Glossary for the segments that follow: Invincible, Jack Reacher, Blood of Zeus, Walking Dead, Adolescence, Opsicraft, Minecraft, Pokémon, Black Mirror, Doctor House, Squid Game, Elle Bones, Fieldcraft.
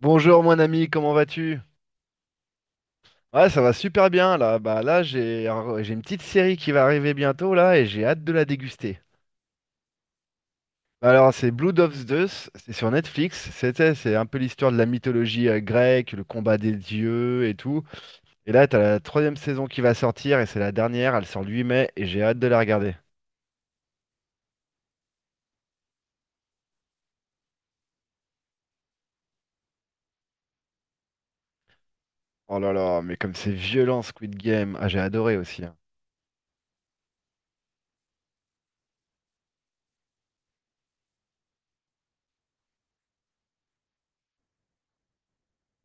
Bonjour mon ami, comment vas-tu? Ouais, ça va super bien là. Là, j'ai une petite série qui va arriver bientôt là et j'ai hâte de la déguster. Alors, c'est Blood of Zeus, c'est sur Netflix. C'est un peu l'histoire de la mythologie grecque, le combat des dieux et tout. Et là, t'as la troisième saison qui va sortir et c'est la dernière, elle sort le 8 mai et j'ai hâte de la regarder. Oh là là, mais comme c'est violent Squid Game. Ah, j'ai adoré aussi, hein.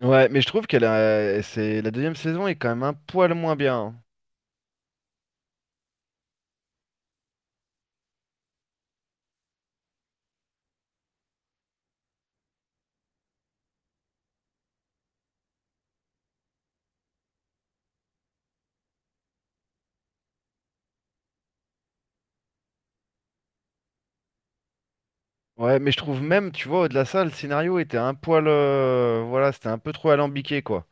Ouais, mais je trouve que la deuxième saison est quand même un poil moins bien, hein. Ouais, mais je trouve même, tu vois, au-delà de ça, le scénario était un poil, c'était un peu trop alambiqué, quoi.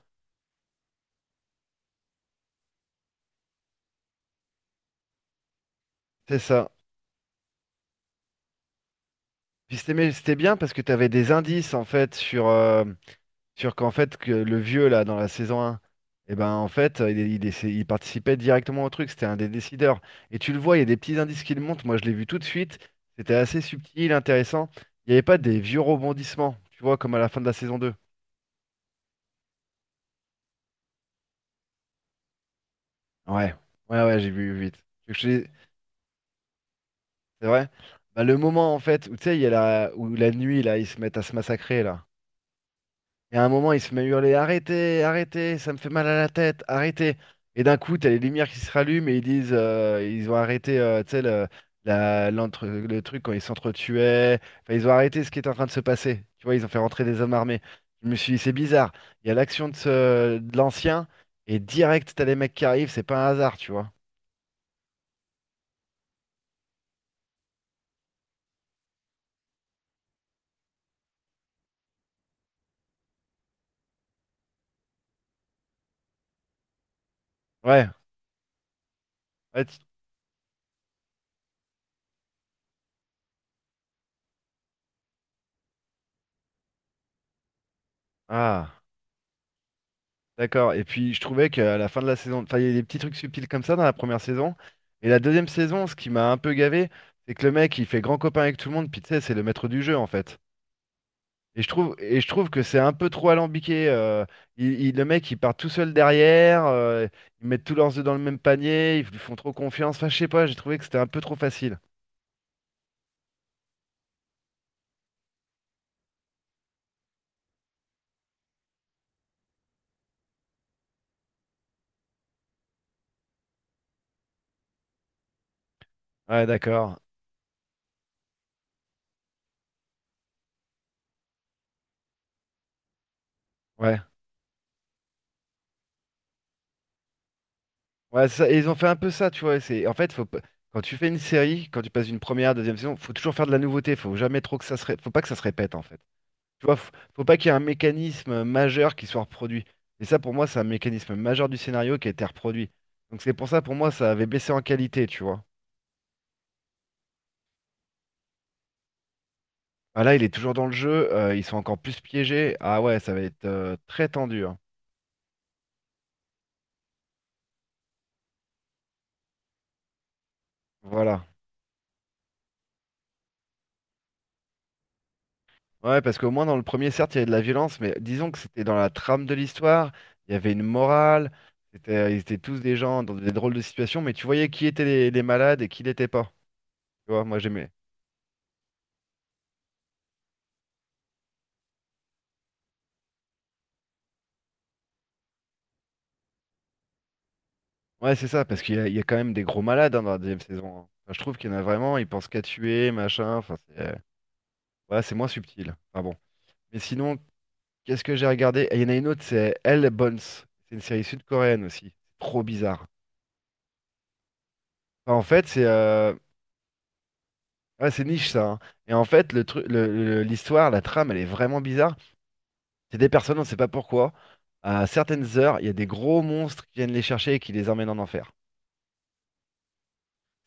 C'est ça. Puis c'était mais c'était bien parce que t'avais des indices, en fait, sur que le vieux, là, dans la saison un, en fait, il participait directement au truc. C'était un des décideurs. Et tu le vois, il y a des petits indices qui le montrent. Moi, je l'ai vu tout de suite. C'était assez subtil, intéressant. Il n'y avait pas des vieux rebondissements, tu vois, comme à la fin de la saison deux. Ouais, ouais, j'ai vu vite. C'est vrai? Bah, le moment en fait où tu sais, il y a la nuit là, ils se mettent à se massacrer là. Et à un moment, ils se mettent à hurler, arrêtez, arrêtez, ça me fait mal à la tête, arrêtez. Et d'un coup, t'as les lumières qui se rallument et ils disent, ils ont arrêté, tu sais, le truc quand ils s'entretuaient. Enfin, ils ont arrêté ce qui était en train de se passer. Tu vois, ils ont fait rentrer des hommes armés. Je me suis dit, c'est bizarre. Il y a l'action de l'ancien et direct, t'as les mecs qui arrivent, c'est pas un hasard, tu vois. Ouais. Ouais, tu- Ah, d'accord. Et puis je trouvais qu'à la fin de la saison, enfin, il y a des petits trucs subtils comme ça dans la première saison. Et la deuxième saison, ce qui m'a un peu gavé, c'est que le mec, il fait grand copain avec tout le monde, puis tu sais, c'est le maître du jeu en fait. Et je trouve que c'est un peu trop alambiqué. Le mec, il part tout seul derrière, ils mettent tous leurs œufs dans le même panier, ils lui font trop confiance. Enfin, je sais pas, j'ai trouvé que c'était un peu trop facile. Ouais, d'accord. Ouais. Ouais, et ils ont fait un peu ça, tu vois. C'est, en fait, faut, pas- Quand tu fais une série, quand tu passes d'une première à deuxième saison, faut toujours faire de la nouveauté. Faut jamais trop que faut pas que ça se répète, en fait. Tu vois, faut pas qu'il y ait un mécanisme majeur qui soit reproduit. Et ça, pour moi, c'est un mécanisme majeur du scénario qui a été reproduit. Donc c'est pour ça, pour moi, ça avait baissé en qualité, tu vois. Ah là, il est toujours dans le jeu. Ils sont encore plus piégés. Ah ouais, ça va être très tendu, hein. Voilà. Ouais, parce qu'au moins dans le premier, certes, il y avait de la violence, mais disons que c'était dans la trame de l'histoire, il y avait une morale, ils étaient tous des gens dans des drôles de situations, mais tu voyais qui étaient les malades et qui l'était pas. Tu vois, moi j'aimais. Ouais, c'est ça, parce qu'il y a quand même des gros malades hein, dans la deuxième saison, hein. Enfin, je trouve qu'il y en a vraiment, ils pensent qu'à tuer, machin, enfin, c'est moins subtil. Enfin bon. Mais sinon, qu'est-ce que j'ai regardé? Il y en a une autre, c'est Elle Bones. C'est une série sud-coréenne aussi. C'est trop bizarre. Enfin, en fait, c'est Ouais, c'est niche ça, hein. Et en fait, le truc, le- l'histoire, la trame, elle est vraiment bizarre. C'est des personnes, on ne sait pas pourquoi. À certaines heures, il y a des gros monstres qui viennent les chercher et qui les emmènent en enfer.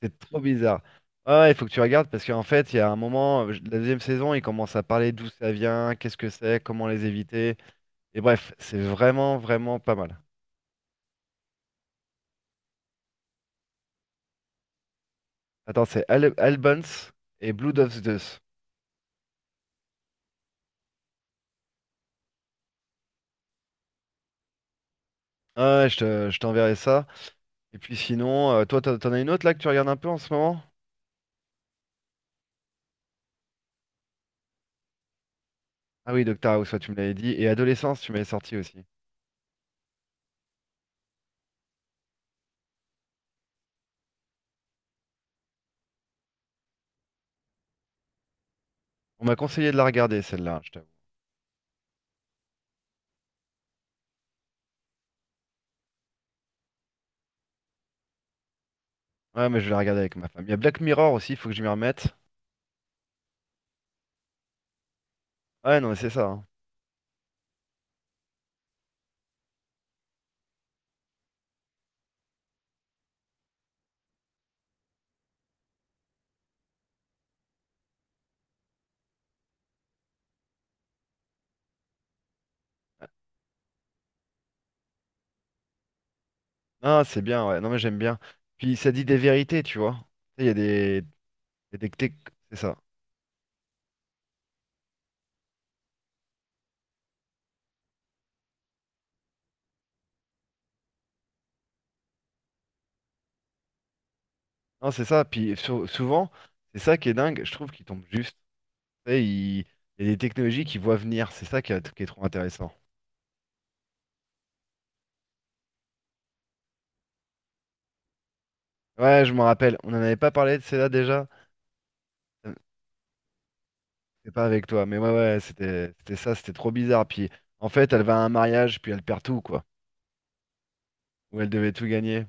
C'est trop bizarre. Ah ouais, il faut que tu regardes parce qu'en fait, il y a un moment, la deuxième saison, ils commencent à parler d'où ça vient, qu'est-ce que c'est, comment les éviter. Et bref, c'est vraiment pas mal. Attends, c'est Al Albans et Blood of Zeus. Ah ouais, ouais, je t'enverrai ça. Et puis sinon, toi, t'en as une autre là que tu regardes un peu en ce moment? Ah oui, Doctor House, ouais, tu me l'avais dit. Et Adolescence, tu m'avais sorti aussi. On m'a conseillé de la regarder, celle-là, hein, je t'avoue. Ouais, mais je vais la regarder avec ma femme. Il y a Black Mirror aussi, il faut que je m'y remette. Ouais, non, mais c'est ça, hein. Ah, c'est bien, ouais. Non, mais j'aime bien. Puis ça dit des vérités, tu vois. Tu sais, il y a il y a des tec- c'est ça. Non, c'est ça. Puis souvent, c'est ça qui est dingue. Je trouve qu'ils tombent juste. Tu sais, ils- il y a des technologies qu'ils voient venir. C'est ça qui est trop intéressant. Ouais, je me rappelle. On n'en avait pas parlé de celle-là déjà. C'est pas avec toi, mais ouais, ouais, c'était ça, c'était trop bizarre. Puis en fait, elle va à un mariage, puis elle perd tout, quoi. Où elle devait tout gagner.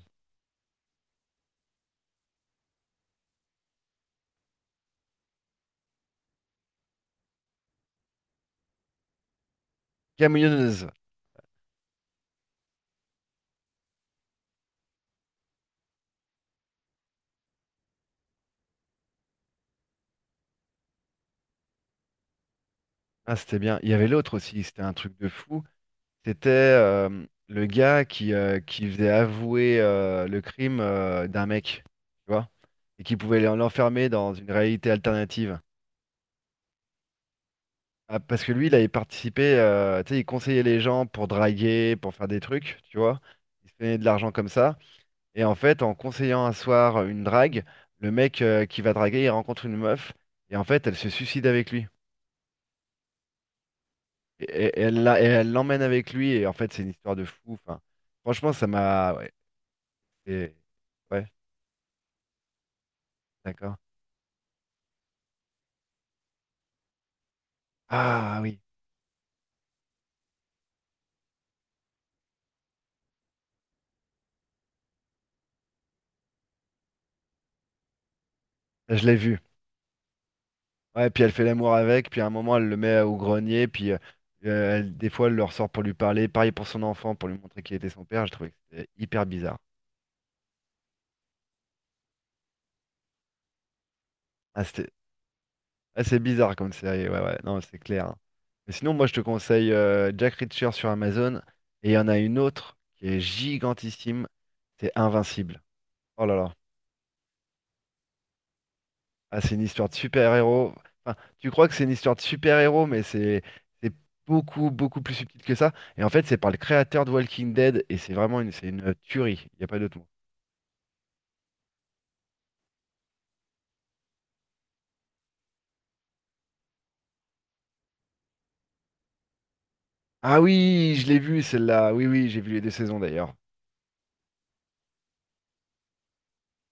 Camionneuse. Ah, c'était bien. Il y avait l'autre aussi, c'était un truc de fou. C'était le gars qui faisait avouer le crime d'un mec, tu vois, et qui pouvait l'enfermer dans une réalité alternative. Ah, parce que lui, il avait participé, tu sais, il conseillait les gens pour draguer, pour faire des trucs, tu vois. Il se donnait de l'argent comme ça. Et en fait, en conseillant un soir une drague, le mec qui va draguer, il rencontre une meuf, et en fait, elle se suicide avec lui. Et elle l'emmène avec lui, et en fait, c'est une histoire de fou. Enfin, franchement, ça m'a. Ouais, c'est- ouais, d'accord. Ah oui, je l'ai vu. Ouais, puis elle fait l'amour avec, puis à un moment, elle le met au grenier, des fois, elle le ressort pour lui parler. Pareil pour son enfant, pour lui montrer qu'il était son père. Je trouvais que c'était hyper bizarre. Ah, c'était- Ah, c'est bizarre comme série, ouais, ouais, non, c'est clair, hein. Mais sinon, moi, je te conseille Jack Reacher sur Amazon. Et il y en a une autre qui est gigantissime, c'est Invincible. Oh là là. Ah, c'est une histoire de super-héros. Enfin, tu crois que c'est une histoire de super-héros, mais c'est beaucoup, beaucoup plus subtil que ça. Et en fait, c'est par le créateur de Walking Dead, et c'est vraiment c'est une tuerie. Il n'y a pas d'autre mot. Ah oui, je l'ai vu celle-là. Oui, oui, j'ai vu les deux saisons d'ailleurs.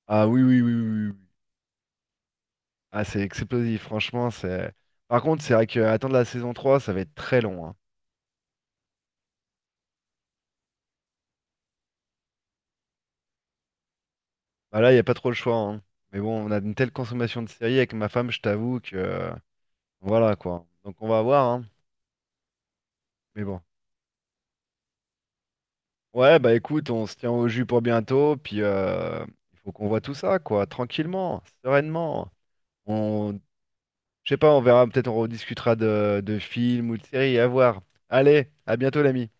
Oui. Ah, c'est explosif, franchement, c'est. Par contre, c'est vrai que attendre la saison 3 ça va être très long, hein. Bah là, il n'y a pas trop le choix, hein. Mais bon, on a une telle consommation de séries avec ma femme, je t'avoue que voilà quoi. Donc on va voir, hein. Mais bon. Ouais, bah écoute, on se tient au jus pour bientôt, puis il faut qu'on voit tout ça, quoi, tranquillement, sereinement. On, je sais pas, on verra, peut-être on rediscutera de films ou de séries, à voir. Allez, à bientôt l'ami.